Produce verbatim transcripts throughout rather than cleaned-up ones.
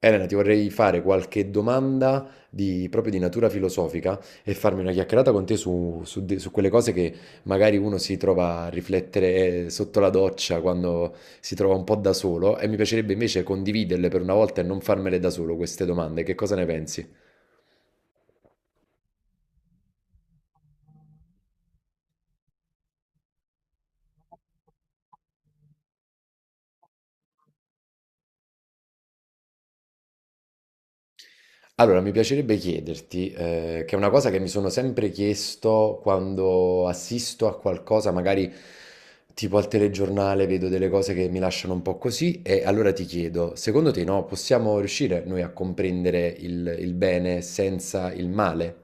Elena, ti vorrei fare qualche domanda di, proprio di natura filosofica e farmi una chiacchierata con te su, su de- su quelle cose che magari uno si trova a riflettere eh, sotto la doccia quando si trova un po' da solo e mi piacerebbe invece condividerle per una volta e non farmele da solo queste domande. Che cosa ne pensi? Allora, mi piacerebbe chiederti, eh, che è una cosa che mi sono sempre chiesto quando assisto a qualcosa, magari tipo al telegiornale, vedo delle cose che mi lasciano un po' così, e allora ti chiedo, secondo te, no, possiamo riuscire noi a comprendere il, il bene senza il male?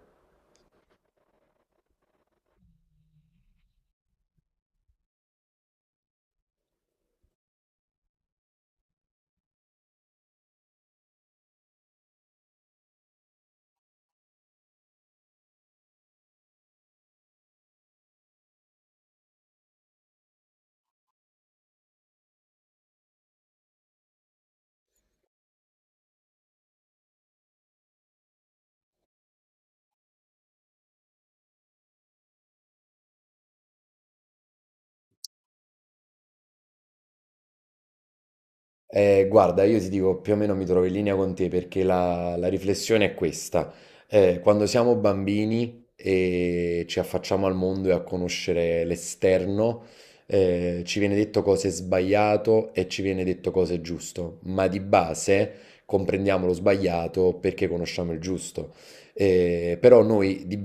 Eh, guarda, io ti dico più o meno mi trovo in linea con te, perché la, la riflessione è questa. Eh, quando siamo bambini e ci affacciamo al mondo e a conoscere l'esterno, eh, ci viene detto cosa è sbagliato e ci viene detto cosa è giusto, ma di base comprendiamo lo sbagliato perché conosciamo il giusto. Eh, però noi di,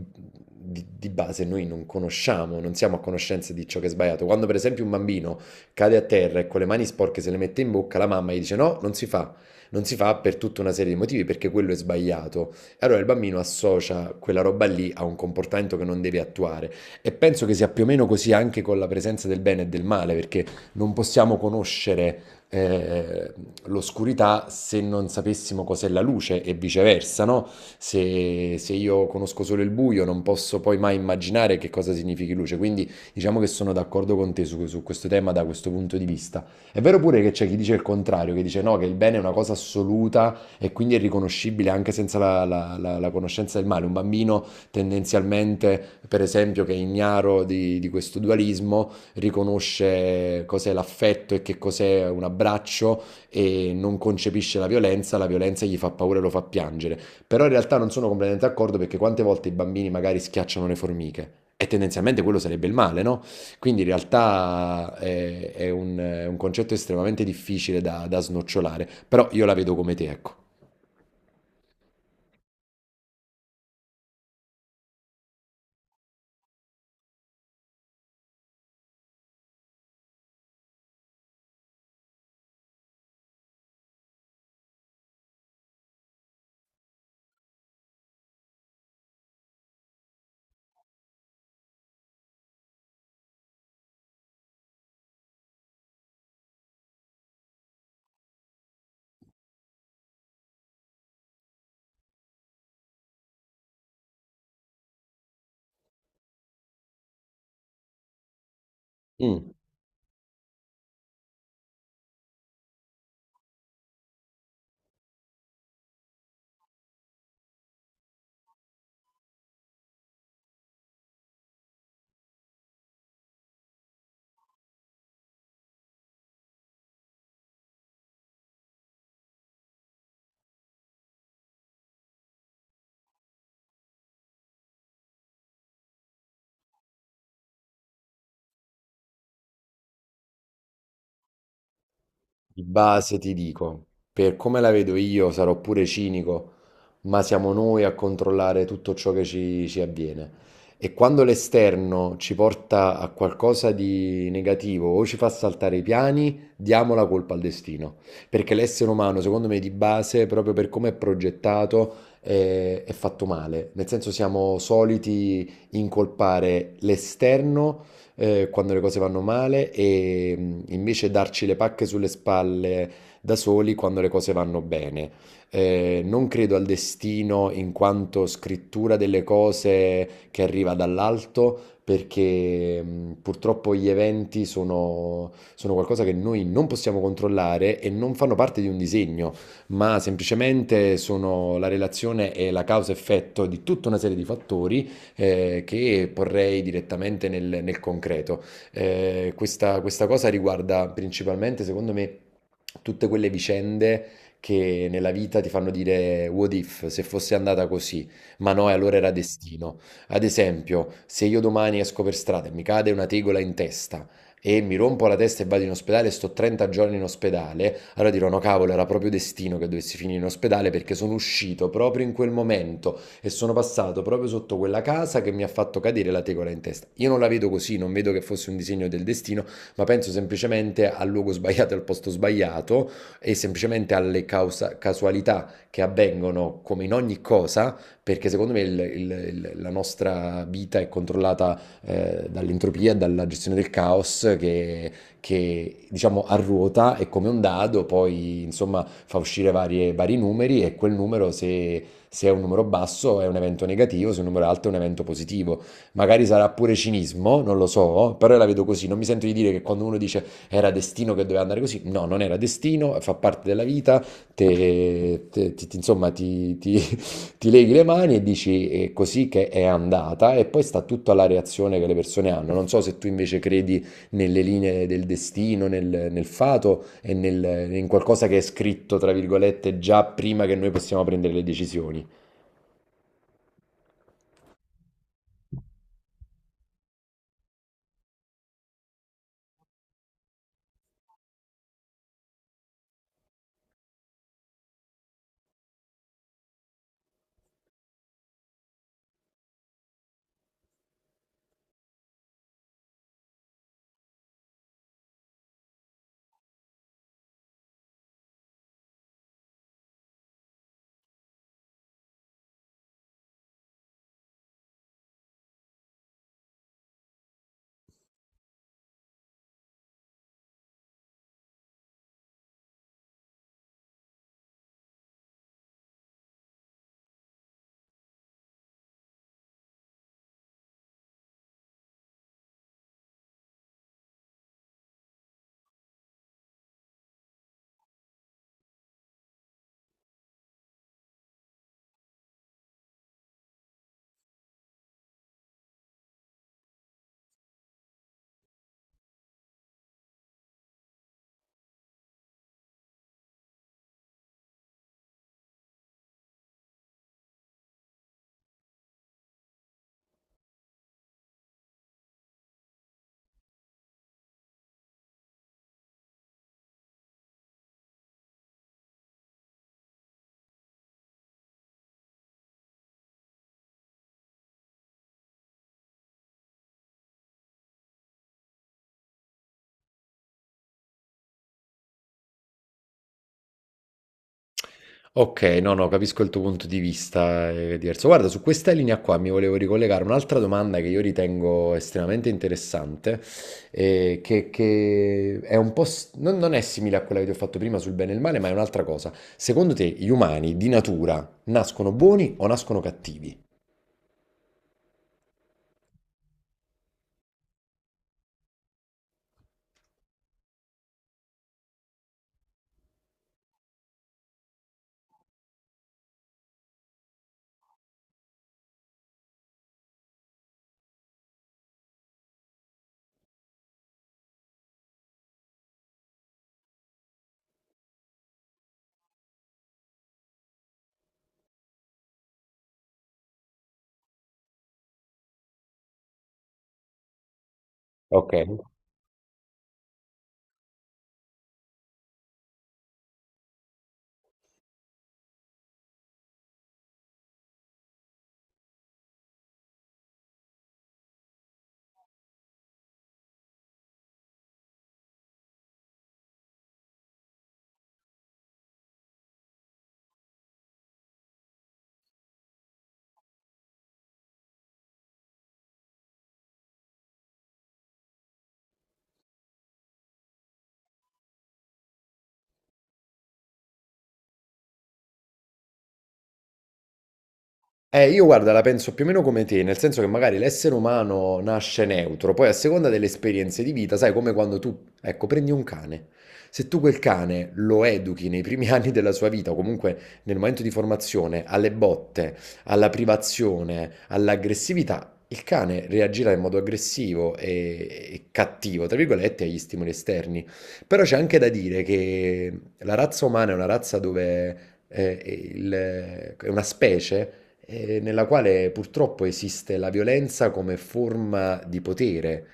di- di base noi non conosciamo, non siamo a conoscenza di ciò che è sbagliato. Quando per esempio un bambino cade a terra e con le mani sporche se le mette in bocca, la mamma gli dice no, non si fa. Non si fa per tutta una serie di motivi, perché quello è sbagliato. E allora il bambino associa quella roba lì a un comportamento che non deve attuare. E penso che sia più o meno così anche con la presenza del bene e del male, perché non possiamo conoscere eh, l'oscurità se non sapessimo cos'è la luce e viceversa, no? Se, se io conosco solo il buio, non posso poi mai immaginare che cosa significhi luce, quindi diciamo che sono d'accordo con te su, su questo tema da questo punto di vista. È vero pure che c'è chi dice il contrario, che dice no, che il bene è una cosa assoluta e quindi è riconoscibile anche senza la, la- la- la conoscenza del male. Un bambino tendenzialmente, per esempio, che è ignaro di, di questo dualismo, riconosce cos'è l'affetto e che cos'è un abbraccio e non concepisce la violenza, la violenza gli fa paura e lo fa piangere. Però in realtà non sono completamente d'accordo, perché quante volte i bambini magari schiacciano le formiche? E tendenzialmente quello sarebbe il male, no? Quindi in realtà è, è un, è un concetto estremamente difficile da, da snocciolare, però io la vedo come te, ecco. Mm. Di base ti dico, per come la vedo io, sarò pure cinico, ma siamo noi a controllare tutto ciò che ci, ci avviene. E quando l'esterno ci porta a qualcosa di negativo o ci fa saltare i piani, diamo la colpa al destino. Perché l'essere umano, secondo me, di base, proprio per come è progettato, è, è fatto male. Nel senso, siamo soliti incolpare l'esterno eh, quando le cose vanno male e mh, invece darci le pacche sulle spalle da soli quando le cose vanno bene. Eh, non credo al destino in quanto scrittura delle cose che arriva dall'alto, perché mh, purtroppo gli eventi sono, sono qualcosa che noi non possiamo controllare e non fanno parte di un disegno, ma semplicemente sono la relazione e la causa-effetto di tutta una serie di fattori eh, che porrei direttamente nel, nel concreto. Eh, questa, questa cosa riguarda principalmente, secondo me, tutte quelle vicende che nella vita ti fanno dire what if, se fosse andata così, ma no, e allora era destino. Ad esempio, se io domani esco per strada e mi cade una tegola in testa e mi rompo la testa e vado in ospedale e sto trenta giorni in ospedale, allora dirò no cavolo, era proprio destino che dovessi finire in ospedale, perché sono uscito proprio in quel momento e sono passato proprio sotto quella casa che mi ha fatto cadere la tegola in testa. Io non la vedo così, non vedo che fosse un disegno del destino, ma penso semplicemente al luogo sbagliato, al posto sbagliato e semplicemente alle causa- casualità che avvengono come in ogni cosa, perché secondo me il- il- il- la nostra vita è controllata eh, dall'entropia, dalla gestione del caos che, che diciamo arruota e come un dado poi insomma fa uscire varie- vari numeri e quel numero, se se è un numero basso è un evento negativo, se è un numero alto è un evento positivo. Magari sarà pure cinismo, non lo so, però io la vedo così. Non mi sento di dire che quando uno dice era destino che doveva andare così, no, non era destino, fa parte della vita, te, te- ti, ti- insomma ti, ti- ti leghi le mani e dici è così che è andata e poi sta tutto alla reazione che le persone hanno. Non so se tu invece credi nelle linee del destino, nel, nel fato e nel- in qualcosa che è scritto, tra virgolette, già prima che noi possiamo prendere le decisioni. Ok, no, no, capisco il tuo punto di vista, è diverso. Guarda, su questa linea qua mi volevo ricollegare un'altra domanda che io ritengo estremamente interessante, eh, che, che è un po', s- non, non è simile a quella che ti ho fatto prima sul bene e il male, ma è un'altra cosa. Secondo te, gli umani di natura nascono buoni o nascono cattivi? Ok. Eh, io guarda, la penso più o meno come te, nel senso che magari l'essere umano nasce neutro, poi a seconda delle esperienze di vita, sai, come quando tu, ecco, prendi un cane. Se tu quel cane lo educhi nei primi anni della sua vita, o comunque nel momento di formazione, alle botte, alla privazione, all'aggressività, il cane reagirà in modo aggressivo e, e cattivo, tra virgolette, agli stimoli esterni. Però c'è anche da dire che la razza umana è una razza dove... eh, il- è una specie eh, nella quale purtroppo esiste la violenza come forma di potere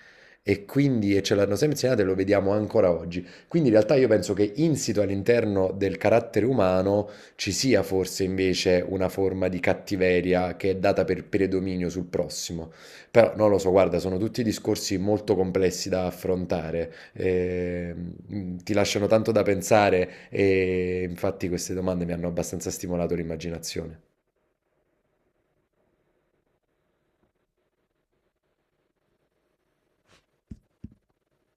e quindi e ce l'hanno sempre insegnato e lo vediamo ancora oggi. Quindi in realtà io penso che insito all'interno del carattere umano ci sia forse invece una forma di cattiveria che è data per predominio sul prossimo. Però non lo so, guarda, sono tutti discorsi molto complessi da affrontare, eh, mm, ti lasciano tanto da pensare e infatti queste domande mi hanno abbastanza stimolato l'immaginazione.